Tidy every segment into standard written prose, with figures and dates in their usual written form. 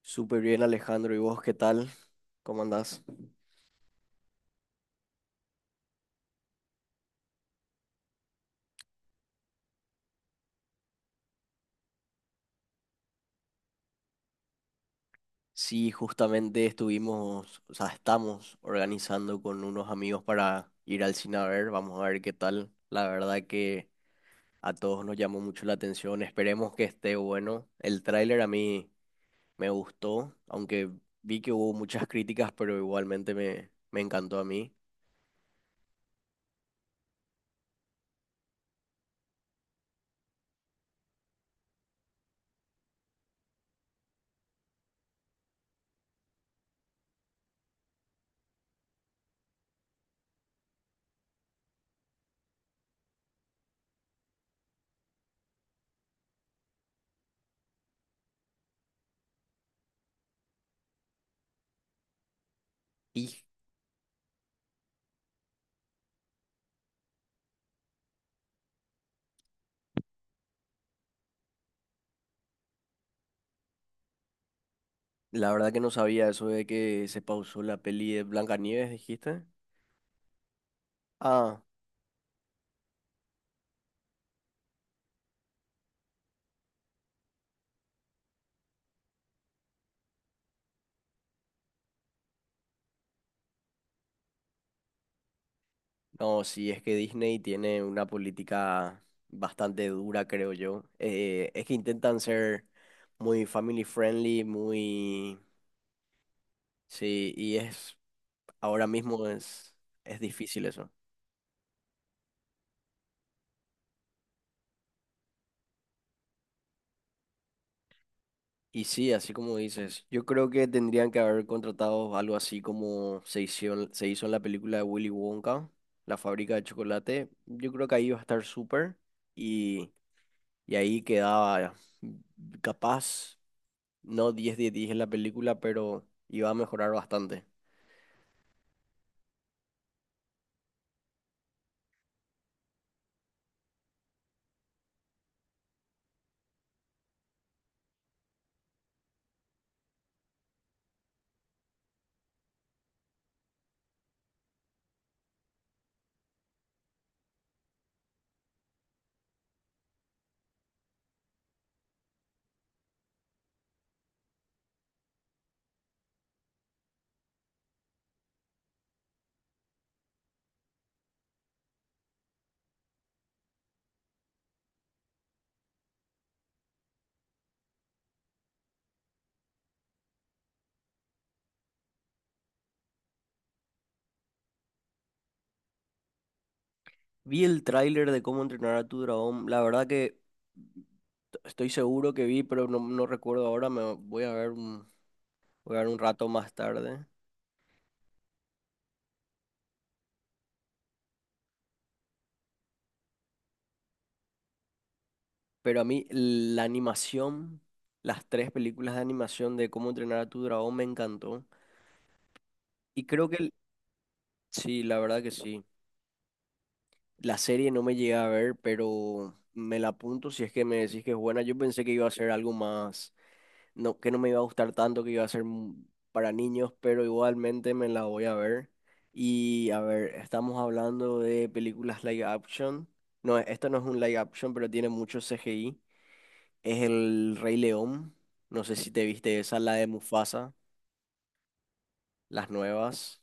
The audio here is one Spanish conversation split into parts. Súper bien, Alejandro. ¿Y vos qué tal? ¿Cómo andás? Sí, justamente estuvimos, o sea, estamos organizando con unos amigos para ir al cine a ver. Vamos a ver qué tal. La verdad que a todos nos llamó mucho la atención. Esperemos que esté bueno. El tráiler a mí me gustó, aunque vi que hubo muchas críticas, pero igualmente me encantó a mí. Y la verdad que no sabía eso de que se pausó la peli de Blancanieves, dijiste. Ah. No, sí, es que Disney tiene una política bastante dura, creo yo. Es que intentan ser muy family friendly, muy. Sí, y es. Ahora mismo es difícil eso. Y sí, así como dices, yo creo que tendrían que haber contratado algo así como se hizo en la película de Willy Wonka, La fábrica de chocolate. Yo creo que ahí iba a estar súper y, y ahí quedaba capaz. No 10 de 10 en la película, pero iba a mejorar bastante. Vi el tráiler de cómo entrenar a tu dragón. La verdad que estoy seguro que vi, pero no recuerdo ahora. Me voy a ver un, Voy a ver un rato más tarde. Pero a mí la animación, las tres películas de animación de cómo entrenar a tu dragón me encantó. Y creo que sí, la verdad que sí. La serie no me llegué a ver, pero me la apunto si es que me decís que es buena. Yo pensé que iba a ser algo más no, que no me iba a gustar tanto, que iba a ser para niños, pero igualmente me la voy a ver. Y a ver, estamos hablando de películas live action. No, esto no es un live action, pero tiene mucho CGI. Es El Rey León. No sé si te viste esa, la de Mufasa, las nuevas.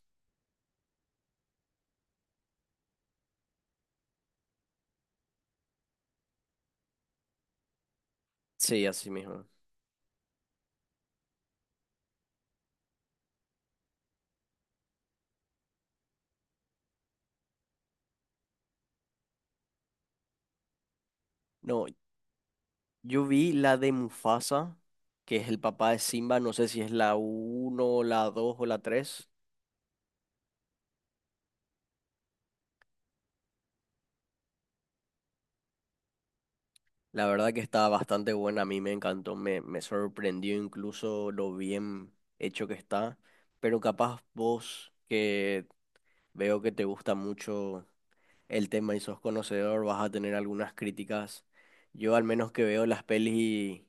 Sí, así mismo. No, yo vi la de Mufasa, que es el papá de Simba. No sé si es la uno la 2 o la tres. La verdad que está bastante buena, a mí me encantó, me sorprendió incluso lo bien hecho que está, pero capaz vos que veo que te gusta mucho el tema y sos conocedor, vas a tener algunas críticas. Yo al menos que veo las pelis y,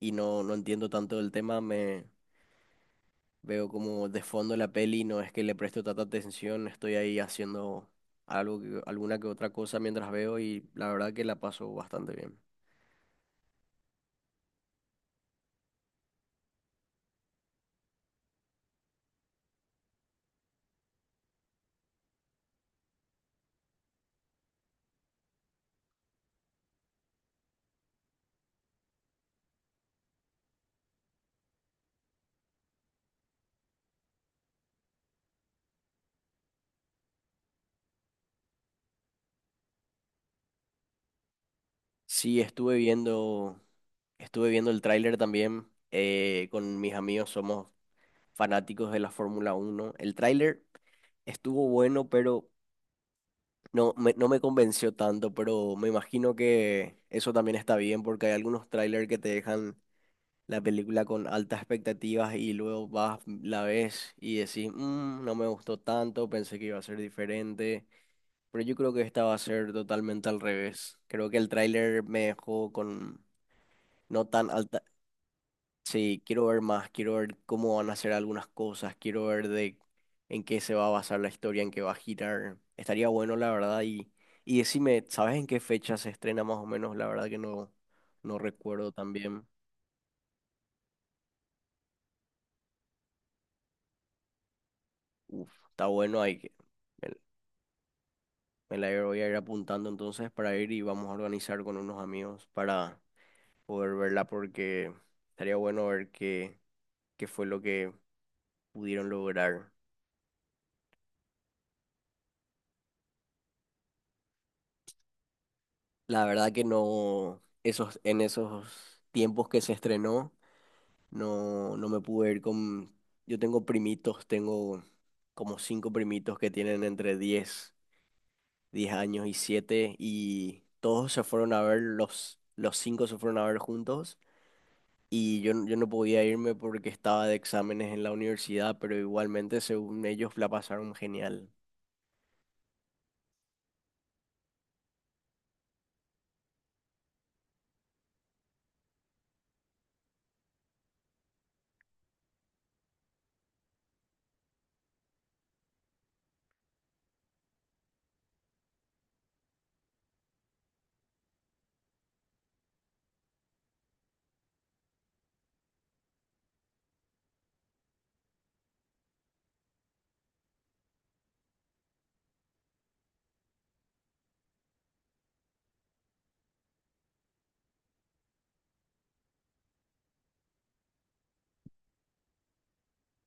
y no entiendo tanto del tema, me veo como de fondo la peli, no es que le presto tanta atención, estoy ahí haciendo algo, alguna que otra cosa mientras veo y la verdad que la paso bastante bien. Sí, estuve viendo el tráiler también con mis amigos, somos fanáticos de la Fórmula 1. El tráiler estuvo bueno, pero no me convenció tanto, pero me imagino que eso también está bien porque hay algunos tráiler que te dejan la película con altas expectativas y luego vas, la ves y decís: "Mm, no me gustó tanto, pensé que iba a ser diferente, pero yo creo que esta va a ser totalmente al revés". Creo que el tráiler me dejó con. No tan alta. Sí, quiero ver más, quiero ver cómo van a hacer algunas cosas, quiero ver de en qué se va a basar la historia, en qué va a girar. Estaría bueno, la verdad, y decime, ¿sabes en qué fecha se estrena más o menos? La verdad que no recuerdo también. Uf, está bueno, me, me la voy a ir apuntando entonces para ir y vamos a organizar con unos amigos para poder verla porque estaría bueno ver qué fue lo que pudieron lograr. La verdad que no, esos, en esos tiempos que se estrenó, no me pude ir con. Yo tengo primitos, tengo como cinco primitos que tienen entre diez años y 7 y todos se fueron a ver, los cinco se fueron a ver juntos y yo, yo no podía irme porque estaba de exámenes en la universidad, pero igualmente según ellos la pasaron genial.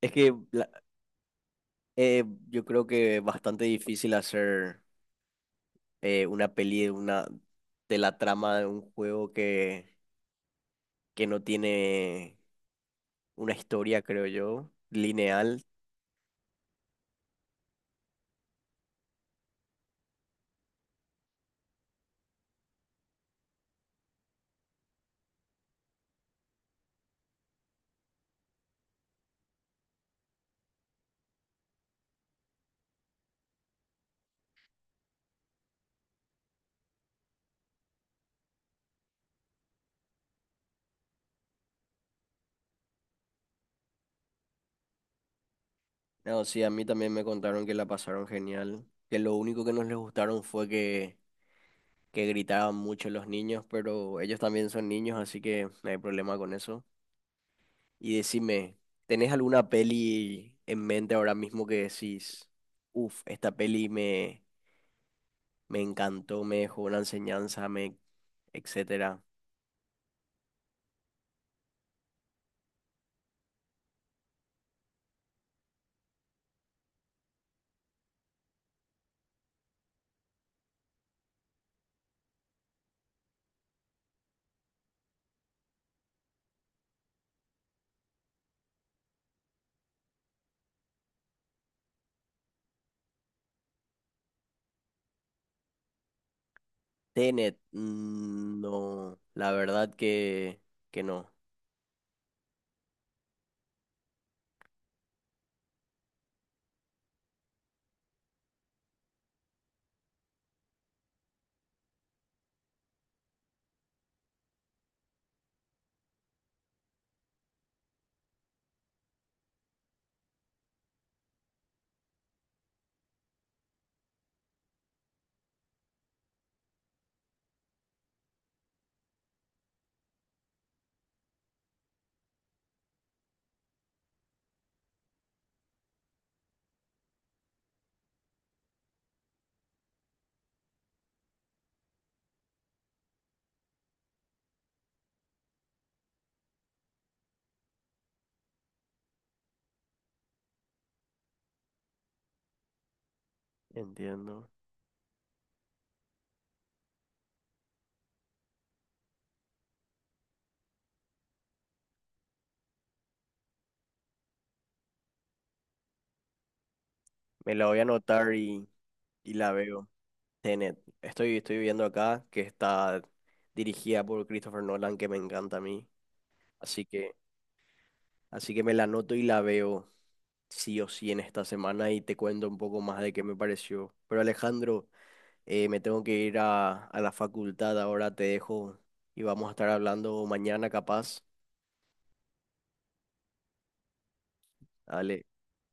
Es que yo creo que es bastante difícil hacer una peli, de la trama de un juego que no tiene una historia, creo yo, lineal. No, sí, a mí también me contaron que la pasaron genial, que lo único que no les gustaron fue que gritaban mucho los niños, pero ellos también son niños, así que no hay problema con eso. Y decime, ¿tenés alguna peli en mente ahora mismo que decís, uff, esta peli me encantó, me dejó una enseñanza, etcétera? Tenet, mm, no, la verdad que no. Entiendo. Me la voy a anotar y la veo. Tenet, estoy viendo acá que está dirigida por Christopher Nolan, que me encanta a mí. Así que, así que me la anoto y la veo sí o sí en esta semana y te cuento un poco más de qué me pareció. Pero Alejandro, me tengo que ir a la facultad ahora, te dejo y vamos a estar hablando mañana capaz. Dale.